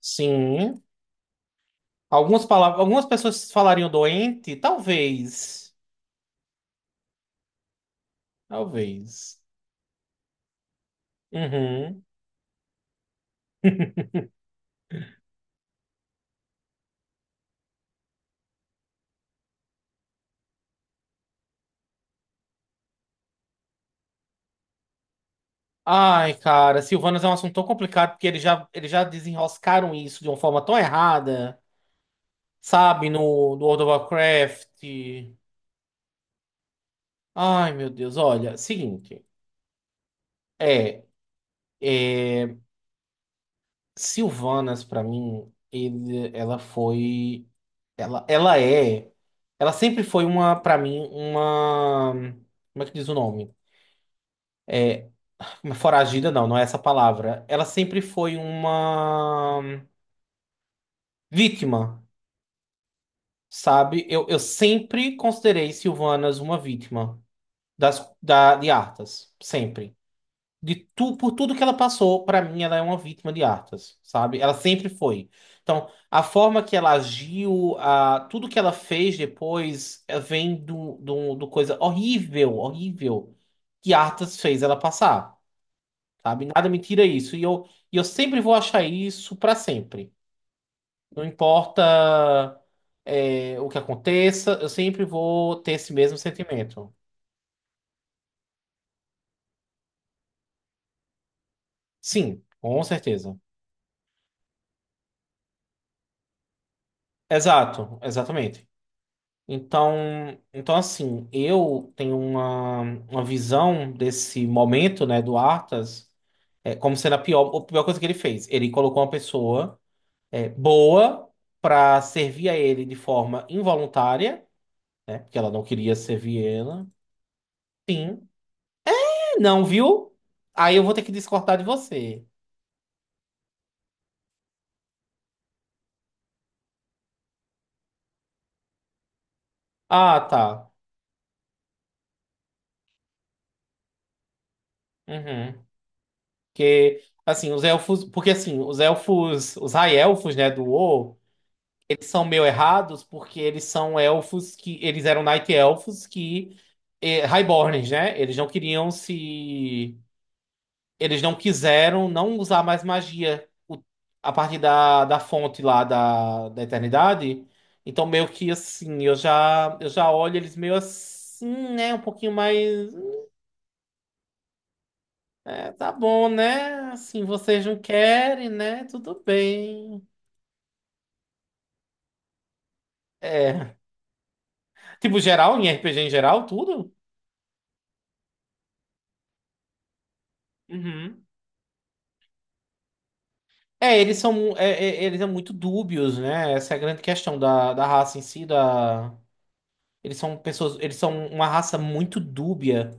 Sim. Algumas palavras, algumas pessoas falariam doente? Talvez. Talvez. Uhum. Ai, cara, Silvanas é um assunto tão complicado porque eles já desenroscaram isso de uma forma tão errada, sabe? No World of Warcraft. Ai, meu Deus, olha, seguinte. É, é, Silvanas, pra mim, ela foi. Ela é. Ela sempre foi uma, pra mim, uma. Como é que diz o nome? Foragida, não, não é essa palavra. Ela sempre foi uma vítima, sabe? Eu sempre considerei Silvanas uma vítima de Arthas. Sempre. Por tudo que ela passou, pra mim ela é uma vítima de Arthas, sabe? Ela sempre foi. Então, a forma que ela agiu, tudo que ela fez depois vem do coisa horrível, horrível que Arthas fez ela passar. Sabe? Nada me tira isso. E eu sempre vou achar isso para sempre. Não importa, o que aconteça, eu sempre vou ter esse mesmo sentimento. Sim, com certeza. Exato, exatamente. Então, então assim, eu tenho uma visão desse momento, né, do Arthas, como sendo a pior coisa que ele fez. Ele colocou uma pessoa, boa para servir a ele de forma involuntária, né? Porque ela não queria servir Viena. Sim. Não, viu? Aí eu vou ter que discordar de você. Ah, tá. Uhum. Porque, assim, os elfos. Os high-elfos, né, do WoW, eles são meio errados porque eles são elfos que. Eles eram Night Elfos que. Highborns, né? Eles não queriam se. Eles não quiseram não usar mais magia a partir da fonte lá da eternidade. Então, meio que assim, eu já olho eles meio assim, né? Um pouquinho mais. É, tá bom, né? Assim, vocês não querem, né? Tudo bem. É. Tipo, geral, em RPG em geral, tudo? Uhum. É, eles são, muito dúbios, né? Essa é a grande questão da raça em si, da... Eles são uma raça muito dúbia.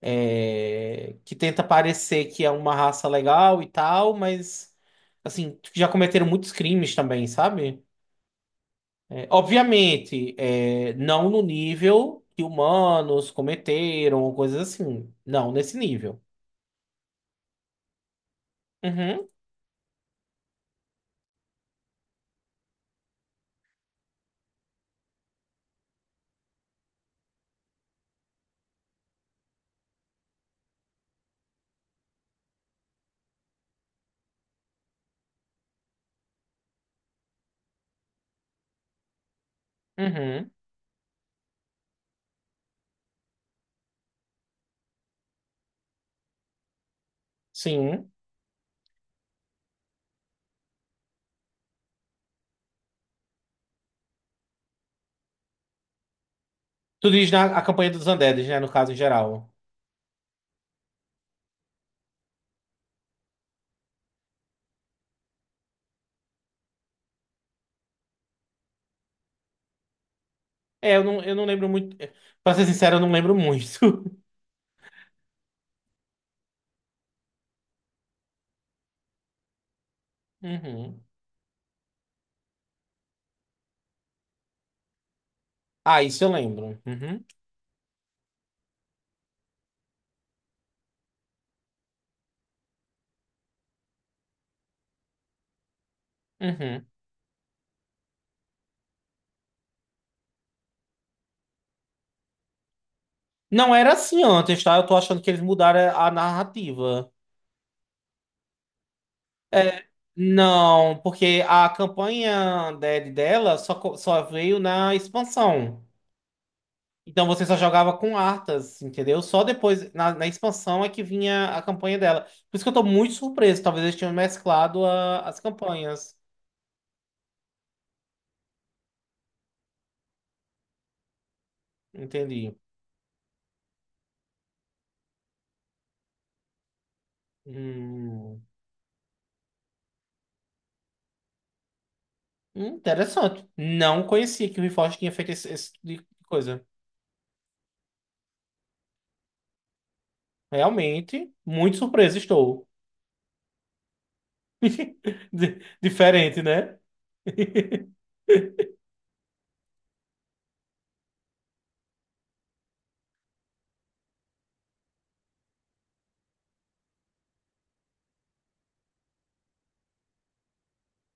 Que tenta parecer que é uma raça legal e tal, mas assim, já cometeram muitos crimes também, sabe? É, obviamente, não no nível que humanos cometeram, ou coisas assim. Não, nesse nível. Uhum, uhum, sim. Tu diz na a campanha dos Andedes, né? No caso em geral. É, eu não lembro muito. Pra ser sincero, eu não lembro muito. Uhum. Ah, isso eu lembro. Uhum, uhum. Não era assim antes, tá? Eu tô achando que eles mudaram a narrativa. É, não, porque a campanha dela só, só veio na expansão. Então você só jogava com Arthas, entendeu? Só depois, na expansão, é que vinha a campanha dela. Por isso que eu tô muito surpreso. Talvez eles tenham mesclado as campanhas. Entendi. Hum, Interessante. Não conhecia que o Reforged tinha feito esse tipo de coisa. Realmente, muito surpreso estou. Diferente, né?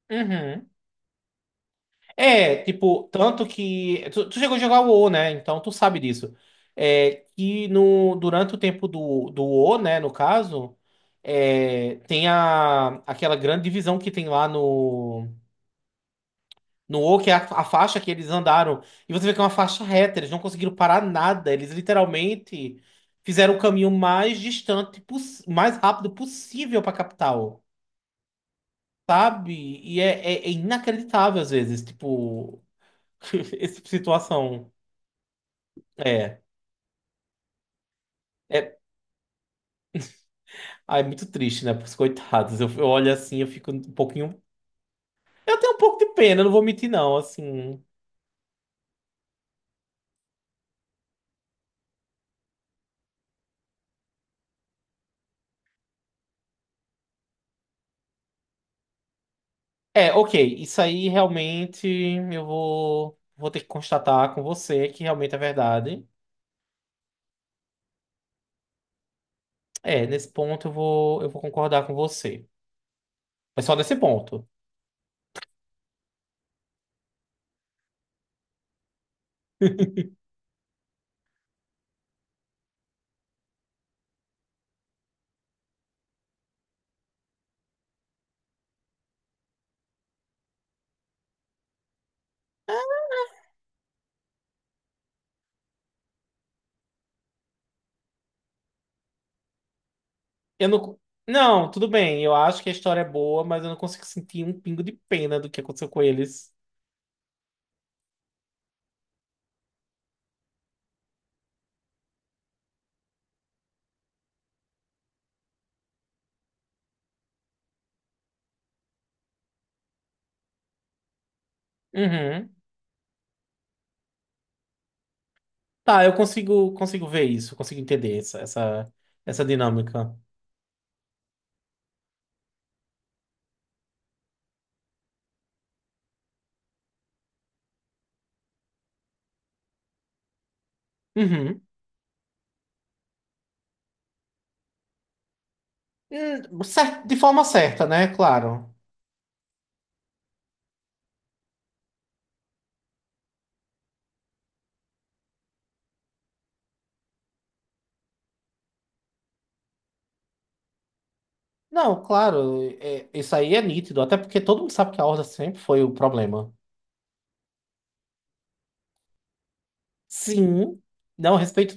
Uhum. É, tipo, tanto que. Tu chegou a jogar o WoW, né? Então tu sabe disso. É, que no, durante o tempo do WoW, né? No caso, tem aquela grande divisão que tem lá no WoW, que é a faixa que eles andaram. E você vê que é uma faixa reta, eles não conseguiram parar nada. Eles literalmente fizeram o caminho mais distante, mais rápido possível pra capital. Sabe? E é inacreditável às vezes, tipo, esse tipo de situação. É. É, ah, é muito triste, né? Pros coitados. Eu olho assim, eu fico um pouquinho. Eu tenho um pouco de pena, não vou mentir, não. Assim. É, ok. Isso aí realmente eu vou ter que constatar com você que realmente é verdade. É, nesse ponto eu vou concordar com você. Mas só nesse ponto. Eu não. Não, tudo bem. Eu acho que a história é boa, mas eu não consigo sentir um pingo de pena do que aconteceu com eles. Uhum. Tá, eu consigo ver isso, consigo entender essa dinâmica. Uhum. De forma certa, né? Claro. Não, claro, isso aí é nítido, até porque todo mundo sabe que a Horda sempre foi o problema. Sim, não respeito,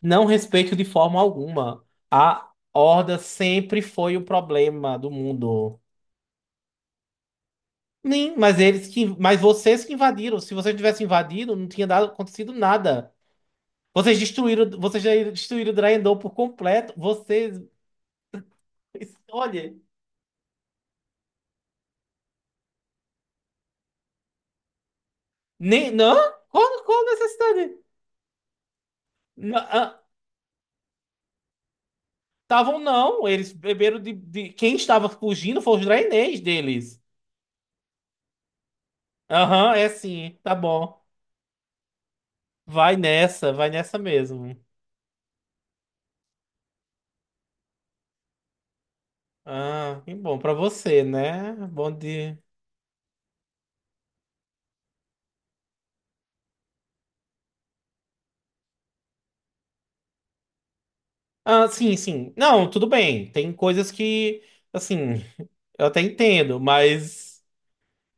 não respeito de forma alguma. A Horda sempre foi o problema do mundo. Nem, mas vocês que invadiram. Se vocês tivessem invadido, não tinha dado, acontecido nada. Vocês já destruíram Draenor por completo. Vocês, olha, nem não, qual necessidade? Estavam não, não, eles beberam quem estava fugindo foi os Draenês deles. Aham, é sim, tá bom. Vai nessa mesmo. Ah, que bom pra você, né? Bom de. Ah, sim, sim. Não, tudo bem. Tem coisas que, assim, eu até entendo, mas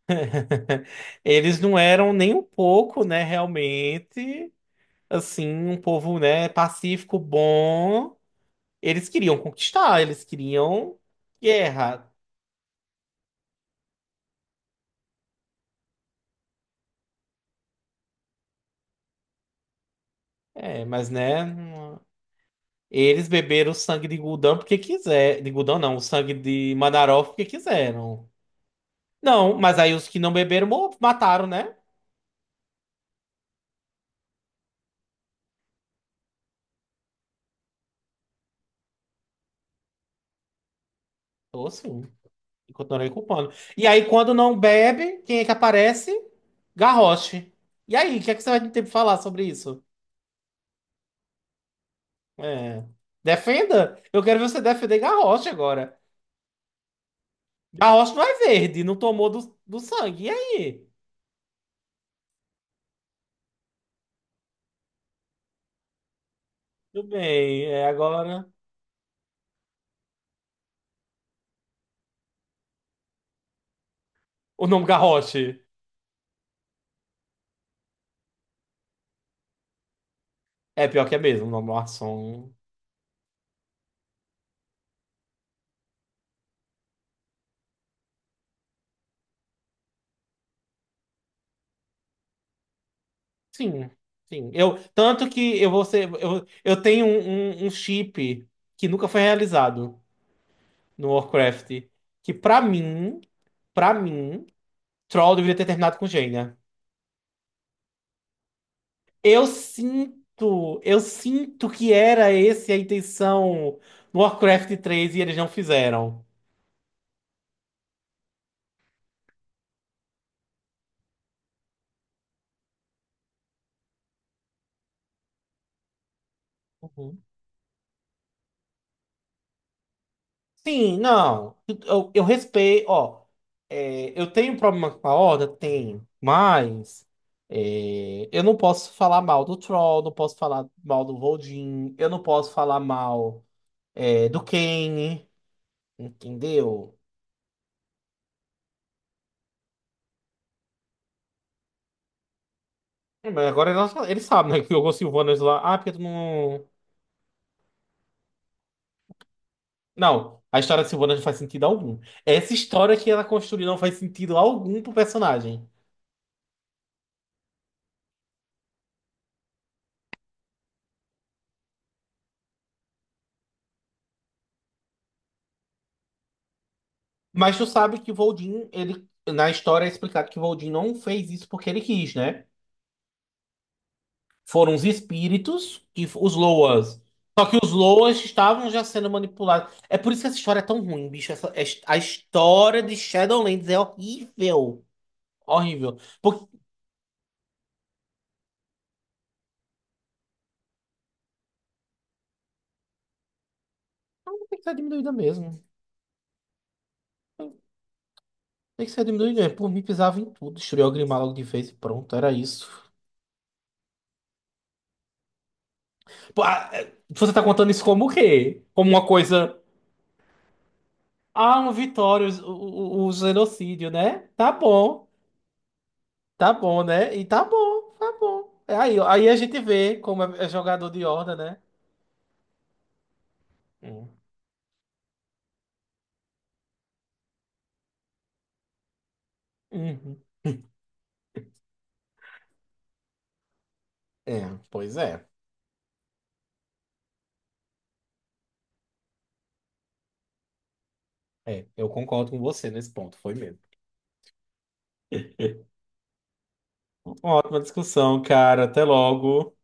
Eles não eram nem um pouco, né, realmente, assim, um povo, né, pacífico, bom. Eles queriam conquistar, eles queriam guerra. É, mas, né, eles beberam o sangue de Gul'dan porque quiser, de Gul'dan não, o sangue de Madarov porque quiseram. Não, mas aí os que não beberam mataram, né? Tô assim, e continuarei culpando. E aí quando não bebe, quem é que aparece? Garrosh. E aí, o que é que você vai ter pra falar sobre isso? É. Defenda. Eu quero ver você defender Garrosh agora. Garrosh não é verde, não tomou do sangue. E aí? Tudo bem, é agora. O nome Garrosh. É pior que é mesmo, o nome Larson. Sim, sim. Eu, tanto que eu vou ser. Eu tenho um chip que nunca foi realizado no Warcraft. Que pra mim, Troll deveria ter terminado com Jaina. Eu sinto que era esse a intenção no Warcraft 3 e eles não fizeram. Uhum. Sim, não. Eu respeito, ó. Eu tenho problema com a Horda? Tenho. Mas eu não posso falar mal do Troll, não posso falar mal do Voldin, eu não posso falar mal do Kane, entendeu? É, mas agora eles sabem, né? Que jogou Sylvanas lá. Ah, porque tu não. Não, a história da Silvana não faz sentido algum. Essa história que ela construiu não faz sentido algum pro personagem. Mas tu sabe que o Voldin, ele, na história é explicado que o Voldin não fez isso porque ele quis, né? Foram os espíritos e os Loas. Só que os Loas estavam já sendo manipulados. É por isso que essa história é tão ruim, bicho. A história de Shadowlands é horrível. Horrível. Porque tem que ser diminuída mesmo. Tem que ser diminuída mesmo. Por mim, pisava em tudo. Destruiu o Grimmar logo de vez e pronto. Era isso. Ah, Você tá contando isso como o quê? Como uma coisa. Ah, uma vitória, o genocídio, né? Tá bom, né? E tá bom, tá bom. Aí, a gente vê como é jogador de horda, né? Hum. Uhum. É, pois é. É, eu concordo com você nesse ponto, foi mesmo. Uma ótima discussão, cara. Até logo.